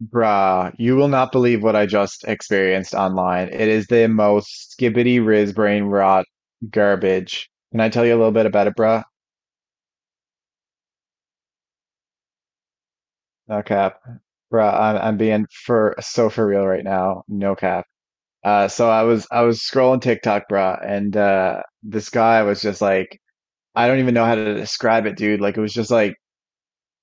Bruh, you will not believe what I just experienced online. It is the most skibbity riz brain rot garbage. Can I tell you a little bit about it, bruh? No cap. Bruh, I'm being for so for real right now. No cap. So I was scrolling TikTok, bruh, and this guy was just like I don't even know how to describe it, dude. Like it was just like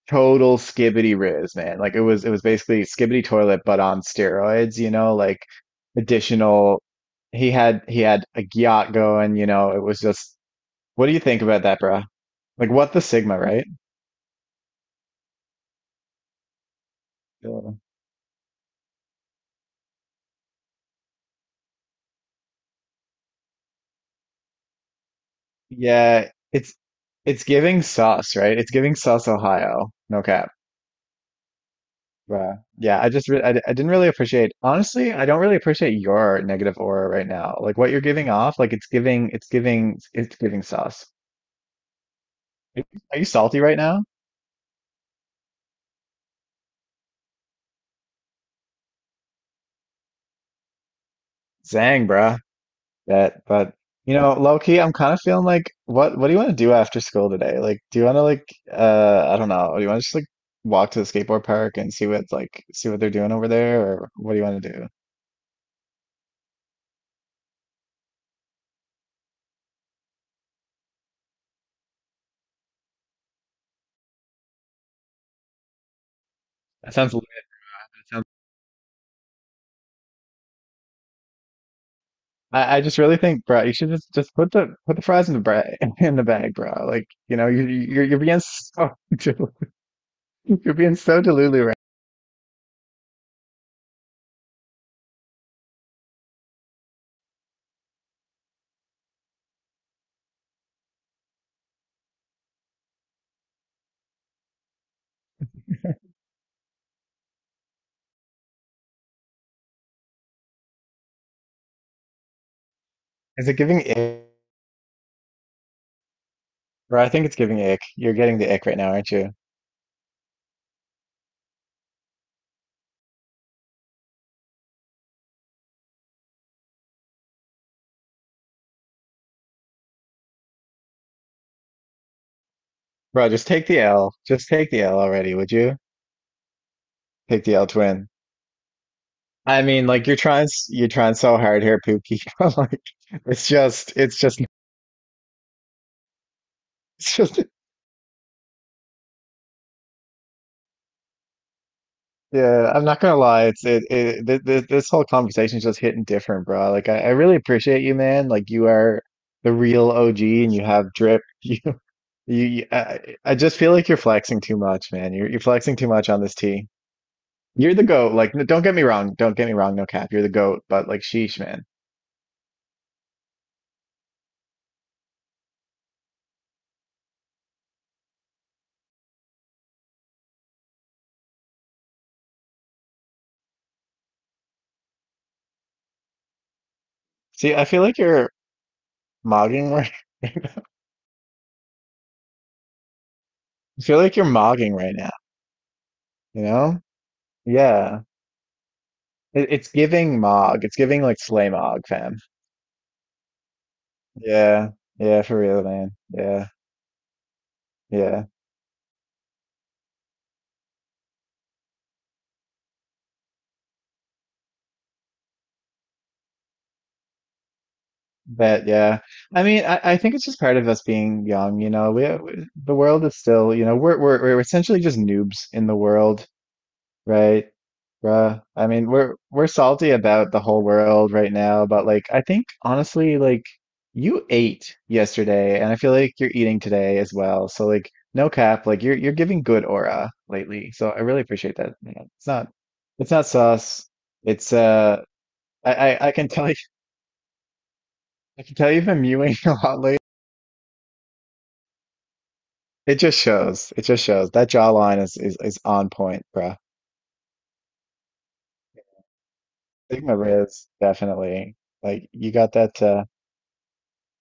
total skibbity riz, man. Like it was basically skibbity toilet but on steroids, you know, like additional he had a yacht going, it was just what do you think about that, bruh? Like what the Sigma, right? Yeah. Yeah, it's giving sus, right? It's giving sus Ohio. No cap. Bruh. Yeah, I just re I, d- I didn't really appreciate honestly, I don't really appreciate your negative aura right now. Like what you're giving off, like it's giving it's giving sus. Are you salty right now? Zang, bruh. But low key, I'm kind of feeling like, what do you want to do after school today? Like, do you want to like, I don't know, do you want to just like walk to the skateboard park and see what's like, see what they're doing over there, or what do you want to do? That sounds That sounds I just really think, bro, you should just put the fries in the bag in the bag, bro. Like, you know, you're you're being so delu- you're being so delulu right. Is it giving ick? Bro, I think it's giving ick. You're getting the ick right now, aren't you? Bro, just take the L. Just take the L already, would you? Take the L twin. I mean, like you're trying so hard here, Pookie. But, like it's just, it's just, it's just. Yeah, I'm not gonna lie. It's it, it th th this whole conversation is just hitting different, bro. Like I really appreciate you, man. Like you are the real OG, and you have drip. I just feel like you're flexing too much, man. You're flexing too much on this tea. You're the goat. Like, don't get me wrong. Don't get me wrong. No cap. You're the goat. But like, sheesh, man. See, I feel like you're mogging right. I feel like you're mogging right now. You know? Yeah. It's giving Mog. It's giving like Slay Mog, fam. Yeah. Yeah, for real, man. Yeah. Yeah. But yeah. I mean, I think it's just part of us being young, you know. We the world is still, you know, we're we're essentially just noobs in the world. Right. Bruh. I mean, we're salty about the whole world right now, but like I think honestly, like you ate yesterday and I feel like you're eating today as well. So like no cap, like you're giving good aura lately. So I really appreciate that, you know. It's not sus. It's I can tell you I can tell you've been mewing a lot lately. It just shows. It just shows. That jawline is on point, bruh. Sigma Riz, definitely. Like you got that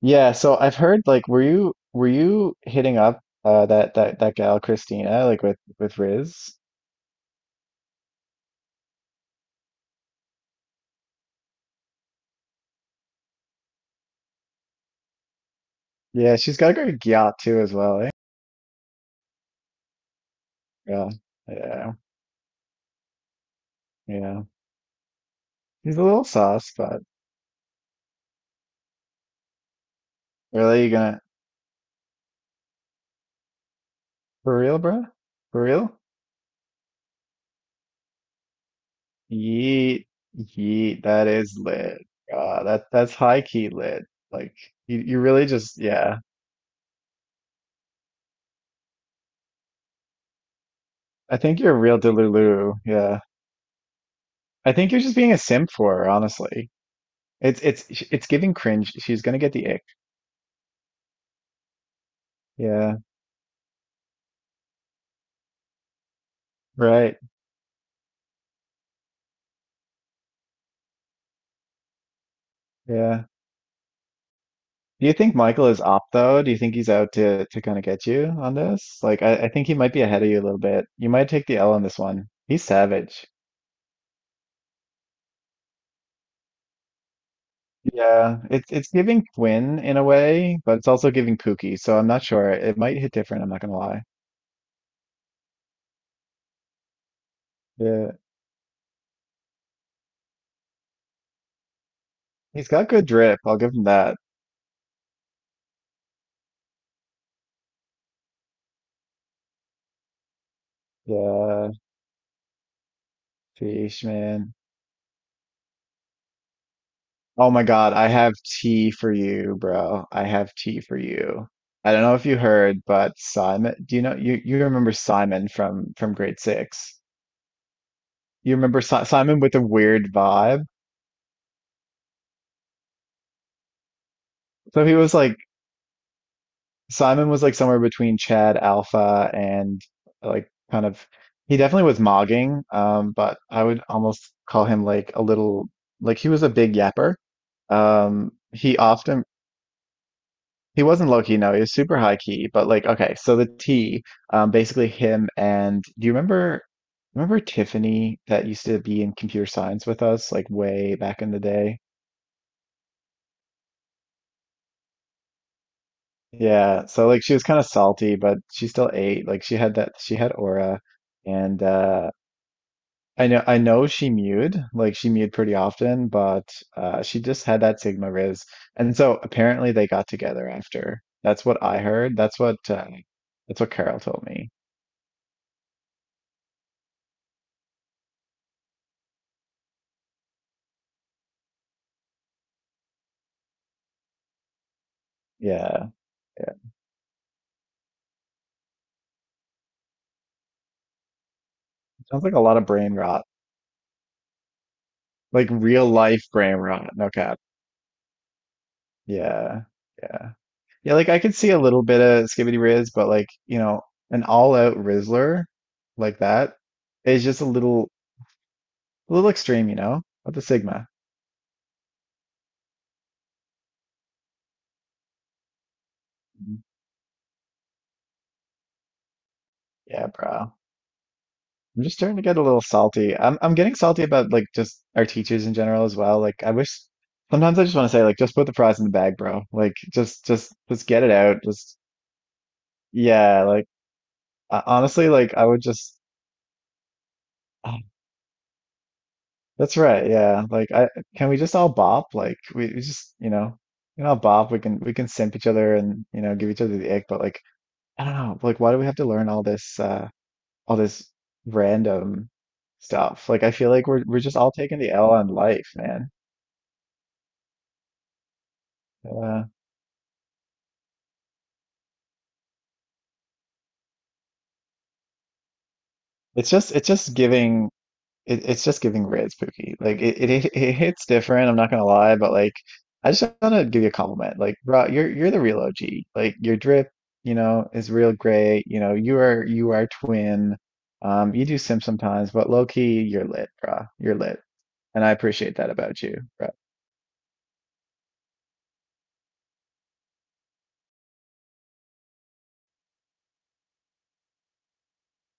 yeah, so I've heard, like were you hitting up that gal Christina, like with Riz? Yeah, she's got a great yacht too as well, eh? Yeah. Yeah. Yeah. He's a little sauce, but really you gonna for real, bro? For real? Yeet. Yeet. That is lit. That's high key lit. Like you really just yeah. I think you're a real Delulu. Yeah. I think you're just being a simp for her, honestly. It's it's it's giving cringe. She's gonna get the ick. Yeah. Right. Yeah. Do you think Michael is up though? Do you think he's out to kind of get you on this? Like I think he might be ahead of you a little bit. You might take the L on this one. He's savage. Yeah, it's giving Quinn in a way, but it's also giving Pookie, so I'm not sure. It might hit different, I'm not gonna lie. Yeah. He's got good drip, I'll give him that. Yeah, Fish man. Oh my God, I have tea for you, bro. I have tea for you. I don't know if you heard, but Simon, do you know you remember Simon from grade six? You remember si Simon with the weird vibe? So he was like Simon was like somewhere between Chad Alpha and like kind of he definitely was mogging, but I would almost call him like a little like he was a big yapper. He often he wasn't low key, no, he was super high key, but like okay, so the T, basically him and do you remember Tiffany that used to be in computer science with us like way back in the day? Yeah, so like she was kind of salty, but she still ate. Like she had aura and I know she mewed, like she mewed pretty often, but she just had that Sigma Riz. And so apparently they got together after. That's what I heard. That's what Carol told me. Yeah. Sounds like a lot of brain rot, like real life brain rot. No cap. Yeah, yeah, yeah. Like I could see a little bit of skibbity riz, but like you know, an all-out rizzler like that is just a little extreme, you know. With the sigma. Mhm. Yeah, bro. I'm just starting to get a little salty. I'm getting salty about like just our teachers in general as well. Like I wish sometimes I just want to say like just put the fries in the bag, bro. Like just get it out. Just yeah. Like honestly, like I would just. That's right. Yeah. Like I can we just all bop? Like we just, you know, we can all bop. We can simp each other and, you know, give each other the ick, but like I don't know. Like why do we have to learn all this all this random stuff? Like I feel like we're just all taking the L on life, man. Uh it's just giving it's just giving red spooky. Like it hits different. I'm not gonna lie, but like I just want to give you a compliment. Like, bro, you're the real OG. Like your drip, you know, is real great. You know, you are twin. You do sim sometimes, but low key, you're lit, bro. You're lit, and I appreciate that about you, bro.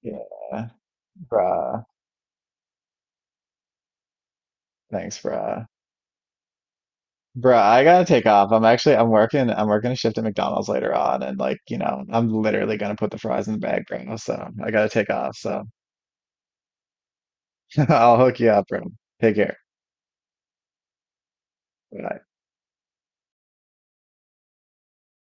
Yeah, bruh. Thanks, bruh. Bruh, I gotta take off. I'm actually I'm working a shift at McDonald's later on and like, you know, I'm literally gonna put the fries in the bag, bro. So I gotta take off. So I'll hook you up, bro. Take care. Bye.